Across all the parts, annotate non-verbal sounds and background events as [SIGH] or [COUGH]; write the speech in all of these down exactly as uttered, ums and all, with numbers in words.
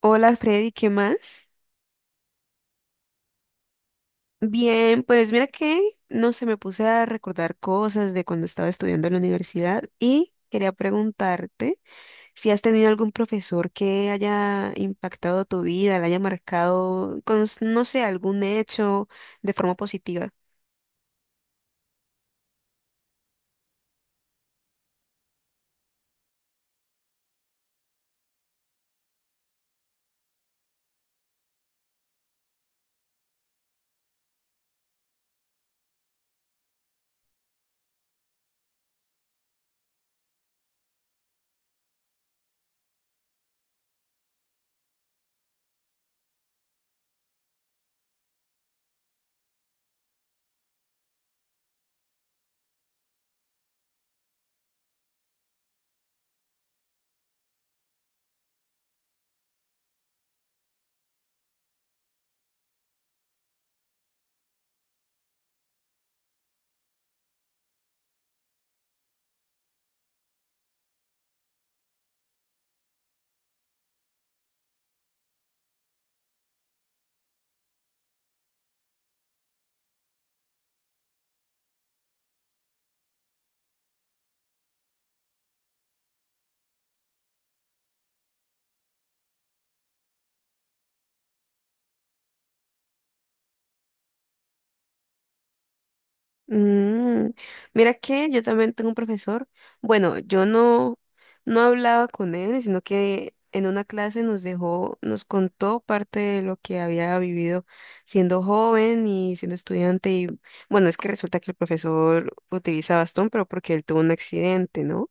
Hola Freddy, ¿qué más? Bien, pues mira que no sé, me puse a recordar cosas de cuando estaba estudiando en la universidad y quería preguntarte si has tenido algún profesor que haya impactado tu vida, la haya marcado con, no sé, algún hecho de forma positiva. Mm, mira que yo también tengo un profesor. Bueno, yo no, no hablaba con él, sino que en una clase nos dejó, nos contó parte de lo que había vivido siendo joven y siendo estudiante. Y bueno, es que resulta que el profesor utiliza bastón, pero porque él tuvo un accidente, ¿no?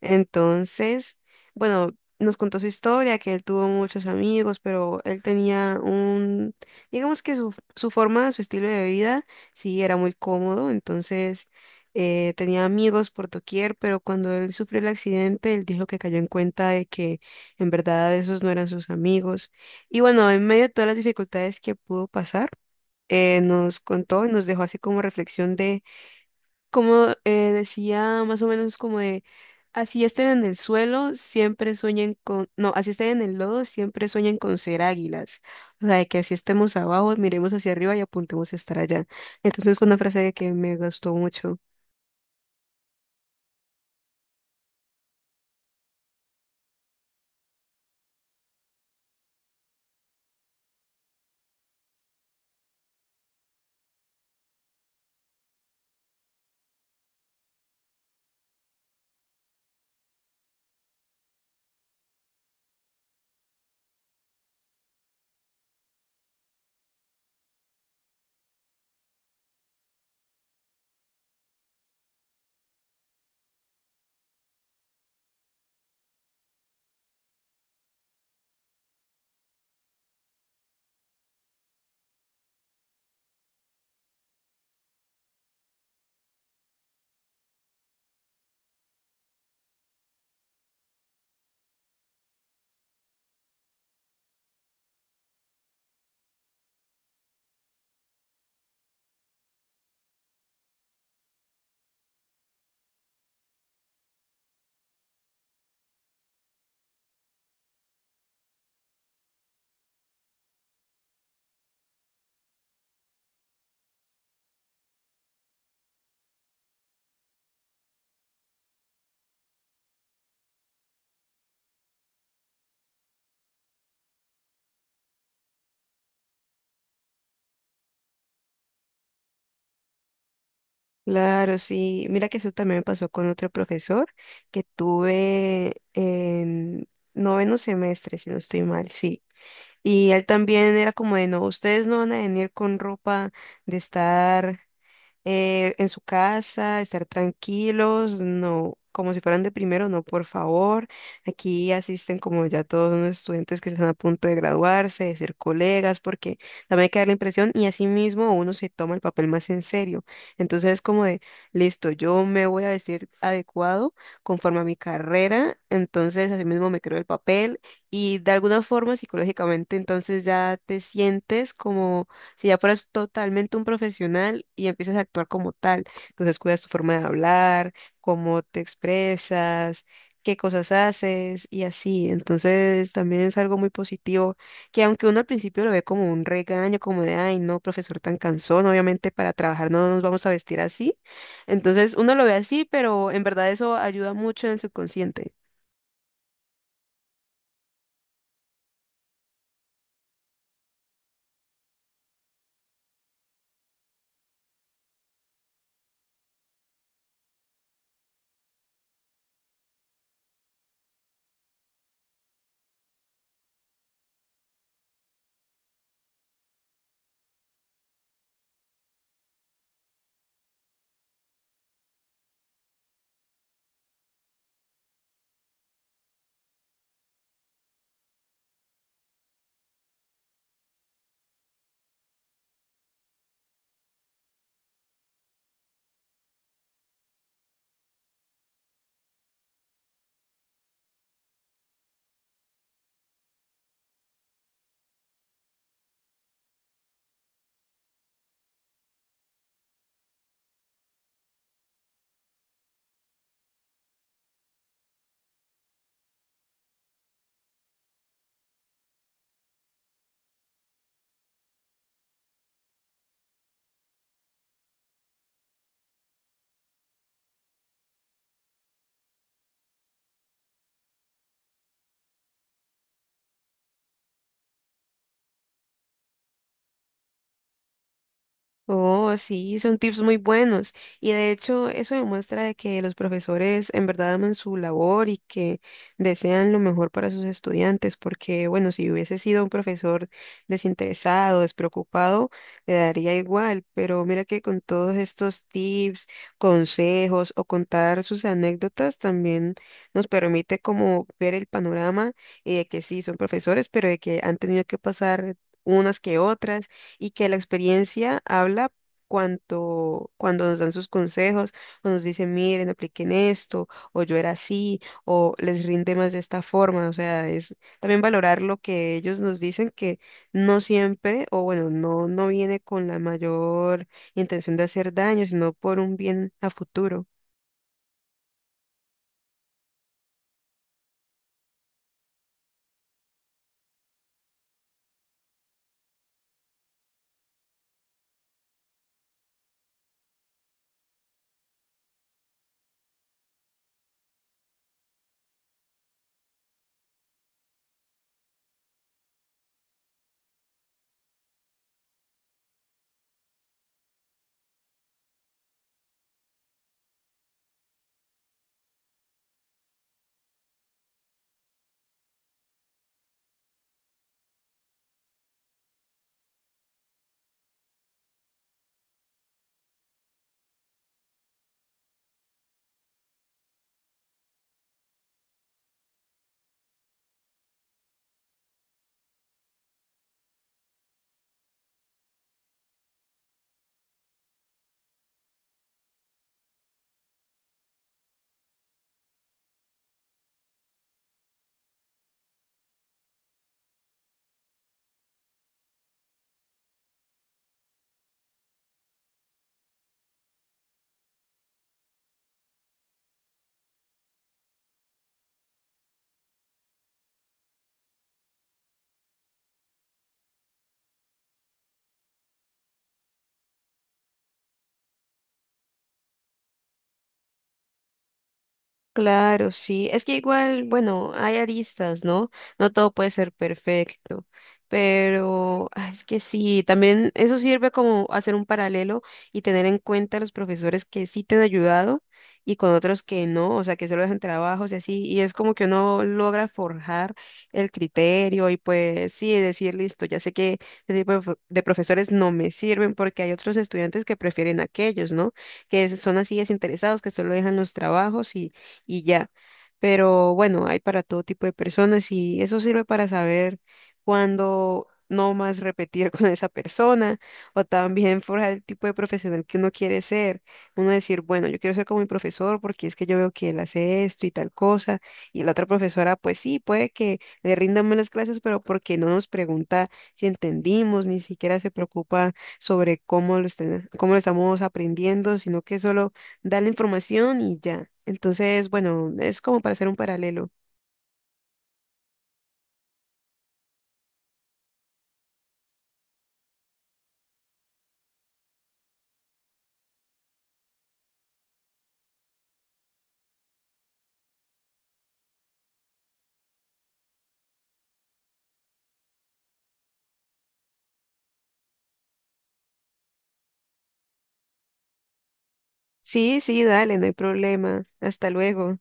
Entonces, bueno, nos contó su historia, que él tuvo muchos amigos, pero él tenía un, digamos que su, su forma, su estilo de vida, sí, era muy cómodo, entonces eh, tenía amigos por doquier, pero cuando él sufrió el accidente, él dijo que cayó en cuenta de que en verdad esos no eran sus amigos. Y bueno, en medio de todas las dificultades que pudo pasar, eh, nos contó y nos dejó así como reflexión como eh, decía, más o menos como de, así estén en el suelo, siempre sueñen con, no, así estén en el lodo, siempre sueñen con ser águilas. O sea, de que así estemos abajo, miremos hacia arriba y apuntemos a estar allá. Entonces fue una frase que me gustó mucho. Claro, sí. Mira que eso también me pasó con otro profesor que tuve en noveno semestre, si no estoy mal, sí. Y él también era como de, no, ustedes no van a venir con ropa de estar eh, en su casa, estar tranquilos, no, como si fueran de primero, no, por favor. Aquí asisten como ya todos unos estudiantes que están a punto de graduarse, de ser colegas, porque también hay que dar la impresión y así mismo uno se toma el papel más en serio. Entonces es como de, listo, yo me voy a vestir adecuado conforme a mi carrera, entonces así mismo me creo el papel y de alguna forma psicológicamente entonces ya te sientes como si ya fueras totalmente un profesional y empiezas a actuar como tal, entonces cuidas tu forma de hablar, cómo te expresas, qué cosas haces y así. Entonces también es algo muy positivo que aunque uno al principio lo ve como un regaño, como de, ay, no, profesor tan cansón, obviamente para trabajar no nos vamos a vestir así. Entonces uno lo ve así, pero en verdad eso ayuda mucho en el subconsciente. Oh, sí, son tips muy buenos. Y de hecho, eso demuestra de que los profesores en verdad aman su labor y que desean lo mejor para sus estudiantes, porque bueno, si hubiese sido un profesor desinteresado, despreocupado, le daría igual, pero mira que con todos estos tips, consejos o contar sus anécdotas también nos permite como ver el panorama y de que sí, son profesores, pero de que han tenido que pasar unas que otras y que la experiencia habla cuanto, cuando nos dan sus consejos, o nos dicen, miren, apliquen esto, o yo era así, o les rinde más de esta forma. O sea, es también valorar lo que ellos nos dicen, que no siempre, o bueno, no, no viene con la mayor intención de hacer daño, sino por un bien a futuro. Claro, sí. Es que igual, bueno, hay aristas, ¿no? No todo puede ser perfecto, pero ah, es que sí, también eso sirve como hacer un paralelo y tener en cuenta los profesores que sí te han ayudado y con otros que no, o sea, que solo dejan trabajos y así, y es como que uno logra forjar el criterio y pues sí, decir, listo, ya sé que este tipo de, pro- de profesores no me sirven porque hay otros estudiantes que prefieren aquellos, ¿no? Que son así desinteresados, que solo dejan los trabajos y y ya. Pero bueno, hay para todo tipo de personas y eso sirve para saber cuándo no más repetir [LAUGHS] con esa persona o también forjar el tipo de profesional que uno quiere ser. Uno decir, bueno, yo quiero ser como mi profesor porque es que yo veo que él hace esto y tal cosa y la otra profesora, pues sí, puede que le rindan mal las clases, pero porque no nos pregunta si entendimos, ni siquiera se preocupa sobre cómo lo estén- cómo lo estamos aprendiendo, sino que solo da la información y ya. Entonces, bueno, es como para hacer un paralelo. Sí, sí, dale, no hay problema. Hasta luego.